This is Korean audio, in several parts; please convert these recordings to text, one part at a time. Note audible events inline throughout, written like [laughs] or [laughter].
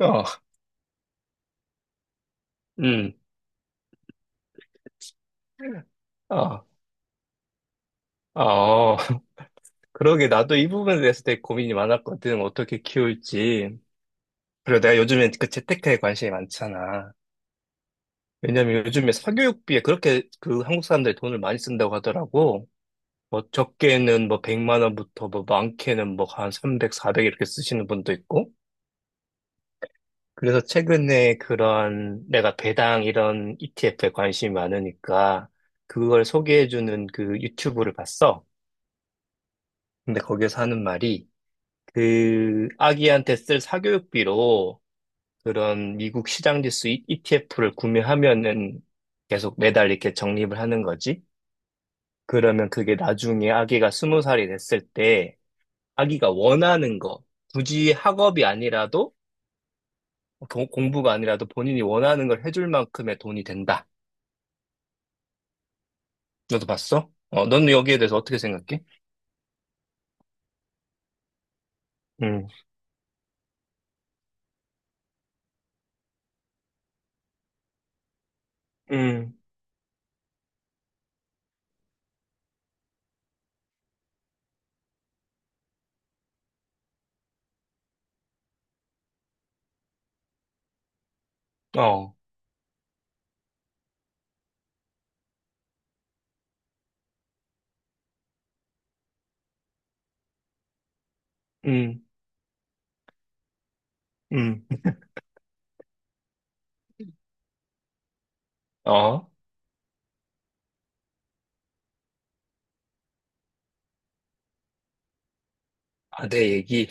어, 음, 어, 어. [laughs] 그러게 나도 이 부분에 대해서 되게 고민이 많았거든. 어떻게 키울지. 그리고 내가 요즘에 그 재테크에 관심이 많잖아. 왜냐면 요즘에 사교육비에 그렇게 그 한국 사람들이 돈을 많이 쓴다고 하더라고. 뭐 적게는 뭐 100만 원부터 뭐 많게는 뭐 한 300, 400 이렇게 쓰시는 분도 있고. 그래서 최근에 그런 내가 배당 이런 ETF에 관심이 많으니까 그걸 소개해주는 그 유튜브를 봤어. 근데 거기에서 하는 말이 그 아기한테 쓸 사교육비로 그런 미국 시장지수 ETF를 구매하면은 계속 매달 이렇게 적립을 하는 거지. 그러면 그게 나중에 아기가 스무 살이 됐을 때 아기가 원하는 거, 굳이 학업이 아니라도 공부가 아니라도 본인이 원하는 걸 해줄 만큼의 돈이 된다. 너도 봤어? 어, 넌 여기에 대해서 어떻게 생각해? 음, 음, 어, 음, 음, 어, 아, 내 얘기.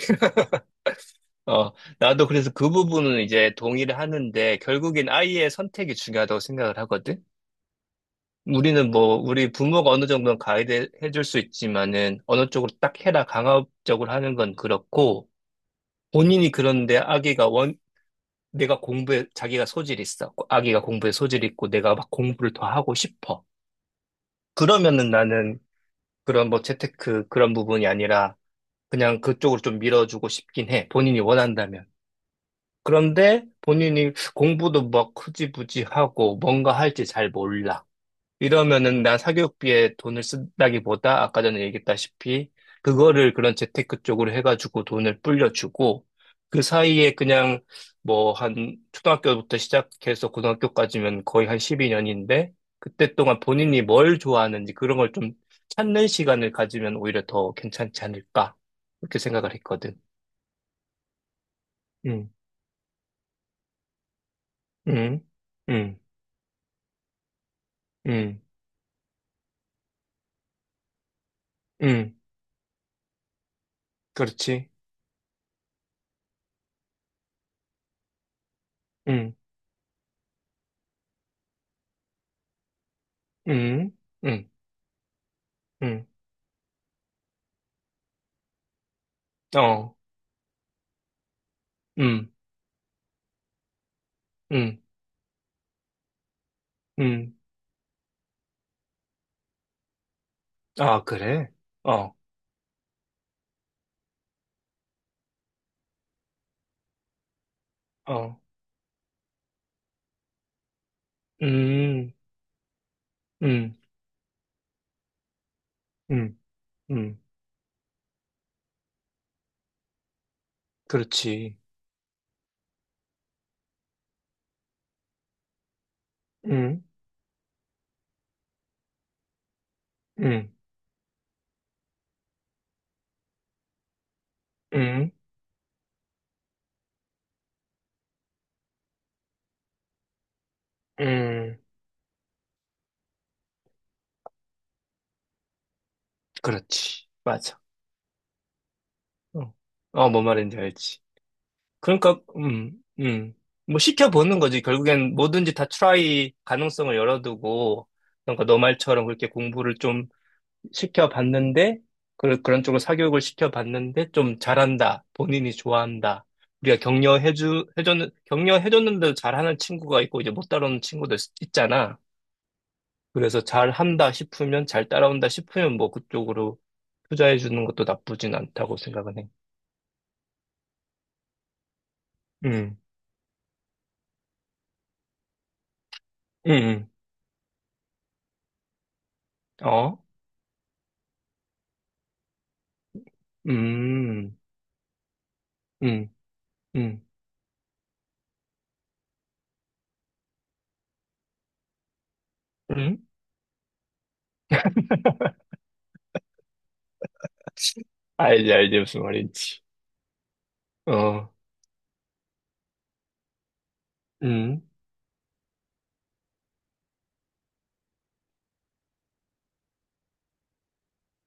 어, 나도 그래서 그 부분은 이제 동의를 하는데 결국엔 아이의 선택이 중요하다고 생각을 하거든. 우리는 뭐 우리 부모가 어느 정도는 가이드 해줄 수 있지만은 어느 쪽으로 딱 해라 강압적으로 하는 건 그렇고 본인이 그런데 아기가 원 내가 공부에 자기가 소질 이 있어. 아기가 공부에 소질 이 있고 내가 막 공부를 더 하고 싶어. 그러면은 나는 그런 뭐 재테크 그런 부분이 아니라 그냥 그쪽으로 좀 밀어주고 싶긴 해. 본인이 원한다면. 그런데 본인이 공부도 막 흐지부지 하고 뭔가 할지 잘 몰라. 이러면은 난 사교육비에 돈을 쓴다기보다 아까 전에 얘기했다시피 그거를 그런 재테크 쪽으로 해가지고 돈을 불려주고 그 사이에 그냥 뭐 한 초등학교부터 시작해서 고등학교까지면 거의 한 12년인데 그때 동안 본인이 뭘 좋아하는지 그런 걸 좀 찾는 시간을 가지면 오히려 더 괜찮지 않을까 그렇게 생각을 했거든. 응, 응, 응, 응, 응. 그렇지. 응, 응, 응, 응, 어, 응, 응, 응. 아, 그래? 어, 어, 음, 음, 음, 음. 그렇지. 응, 응, 응, 응. 그렇지. 맞아. 어, 어, 뭔 말인지 알지. 그러니까, 음. 뭐 시켜보는 거지. 결국엔 뭐든지 다 트라이 가능성을 열어두고, 그러니까 너 말처럼 그렇게 공부를 좀 시켜봤는데, 그, 그런 쪽으로 사교육을 시켜봤는데, 좀 잘한다. 본인이 좋아한다. 우리가 격려해줬는데도 잘하는 친구가 있고, 이제 못 따라오는 친구도 있잖아. 그래서 잘한다 싶으면, 잘 따라온다 싶으면, 뭐, 그쪽으로 투자해주는 것도 나쁘진 않다고 생각은 해. 음, 음, 어? 음, 음, 음, 음? [laughs] 알지, 알지, 무슨 말인지. 어, 음,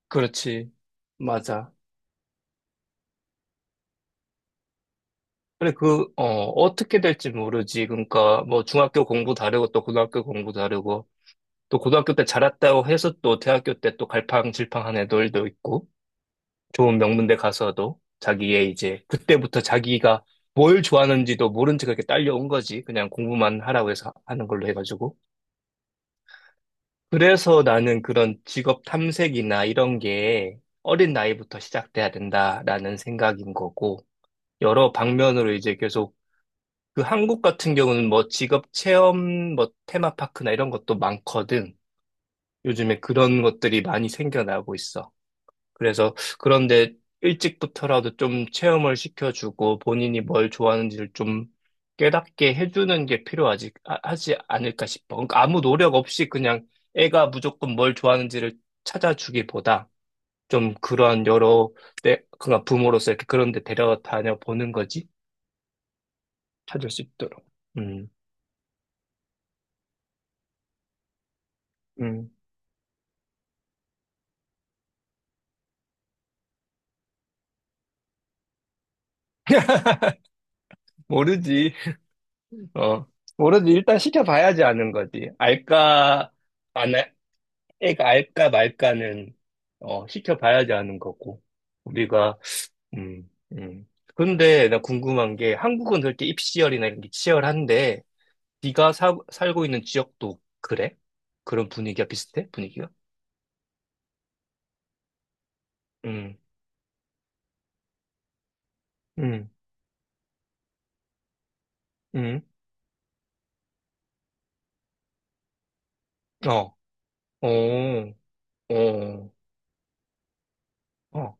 그렇지. 맞아. 그래, 그, 어, 어떻게 될지 모르지. 그러니까, 뭐, 중학교 공부 다르고, 또 고등학교 공부 다르고, 또 고등학교 때 잘했다고 해서 또 대학교 때 또 갈팡질팡한 애들도 있고, 좋은 명문대 가서도 자기의 이제, 그때부터 자기가 뭘 좋아하는지도 모른 채 그렇게 딸려온 거지. 그냥 공부만 하라고 해서 하는 걸로 해가지고. 그래서 나는 그런 직업 탐색이나 이런 게 어린 나이부터 시작돼야 된다라는 생각인 거고, 여러 방면으로 이제 계속 그 한국 같은 경우는 뭐 직업 체험 뭐 테마파크나 이런 것도 많거든. 요즘에 그런 것들이 많이 생겨나고 있어. 그래서 그런데 일찍부터라도 좀 체험을 시켜주고 본인이 뭘 좋아하는지를 좀 깨닫게 해주는 게 필요하지, 하지 않을까 싶어. 그러니까 아무 노력 없이 그냥 애가 무조건 뭘 좋아하는지를 찾아주기보다 좀 그런 여러 때, 그냥 부모로서 이렇게 그런 데 데려다녀 보는 거지. 찾을 수 있도록. 음, 음. 모르지. 어, 모르지. 일단 시켜봐야지 아는 거지. 알까, 안, 알- 애가 알까 말까는, 어, 시켜봐야지 아는 거고. 우리가, 음, 음. 근데 나 궁금한 게, 한국은 그렇게 입시열이나 이런 게 치열한데, 네가 살고 있는 지역도 그래? 그런 분위기가 비슷해? 분위기가? 음, 음, 음, 어, 어, 어, 어,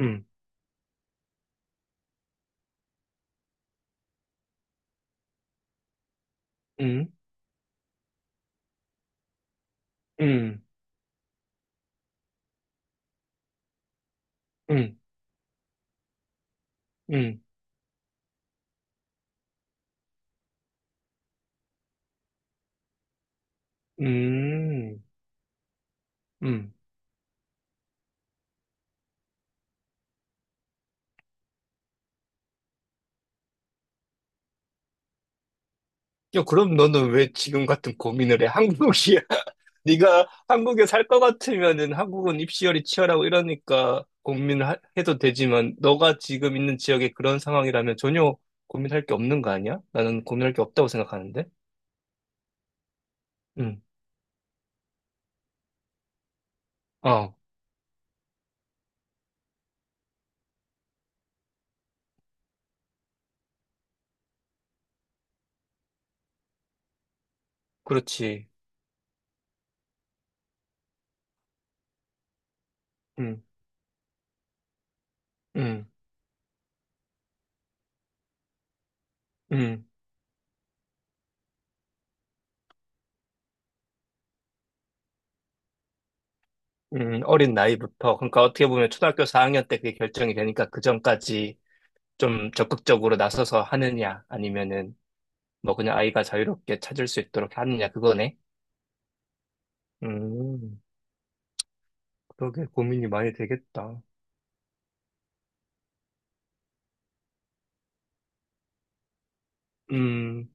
음, 음, 음, 음, 음, 음, 음. 야, 그럼 너는 왜 지금 같은 고민을 해? 한국이야. [laughs] 네가 한국에 살 것 같으면은 한국은 입시열이 치열하고 이러니까 고민을 해도 되지만 너가 지금 있는 지역에 그런 상황이라면 전혀 고민할 게 없는 거 아니야? 나는 고민할 게 없다고 생각하는데. 응. 어, 그렇지. 응, 응, 응, 응. 어린 나이부터. 그러니까 어떻게 보면 초등학교 4학년 때 그게 결정이 되니까 그 전까지 좀 적극적으로 나서서 하느냐 아니면은 뭐 그냥 아이가 자유롭게 찾을 수 있도록 하느냐 그거네. 음, 그러게 고민이 많이 되겠다. 음,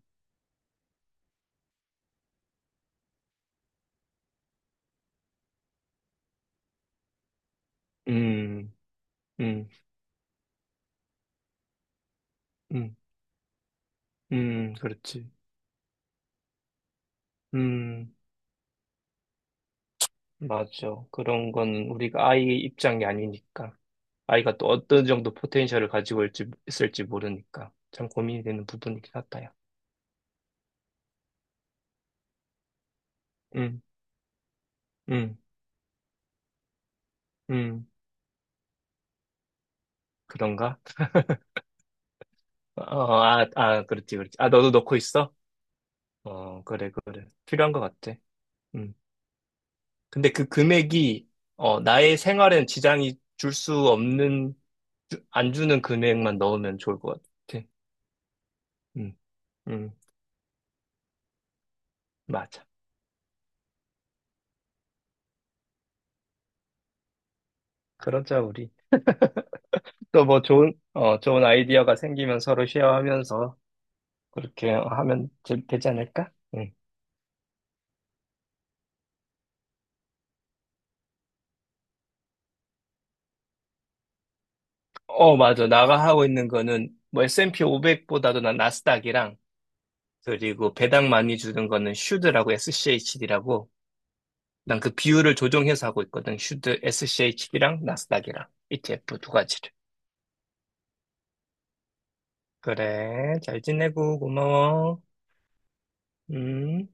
음, 음, 음, 그렇지. 음, 맞아. 그런 건 우리가 아이 입장이 아니니까. 아이가 또 어떤 정도 포텐셜을 가지고 있을지, 있을지 모르니까. 참 고민이 되는 부분이긴 하다, 야. 음, 음, 음, 그런가? 어, 아, 아, 그렇지, 그렇지. 아, 너도 넣고 있어? 어, 그래, 그래. 필요한 것 같아. 음. 근데 그 금액이, 어, 나의 생활엔 지장이 줄 수 없는 안 주는 금액만 넣으면 좋을 것 같아. 음, 음, 맞아. 그러자, 우리. 또 뭐 좋은, 어, 좋은 아이디어가 생기면 서로 쉐어하면서 그렇게 하면 되지 않을까? 응. 어, 맞아. 나가 하고 있는 거는 뭐 S&P 500보다도 난 나스닥이랑 그리고 배당 많이 주는 거는 슈드라고 SCHD라고 난 그 비율을 조정해서 하고 있거든. 슈드 SCHD랑 나스닥이랑 ETF 두 가지를. 그래. 잘 지내고 고마워. 음.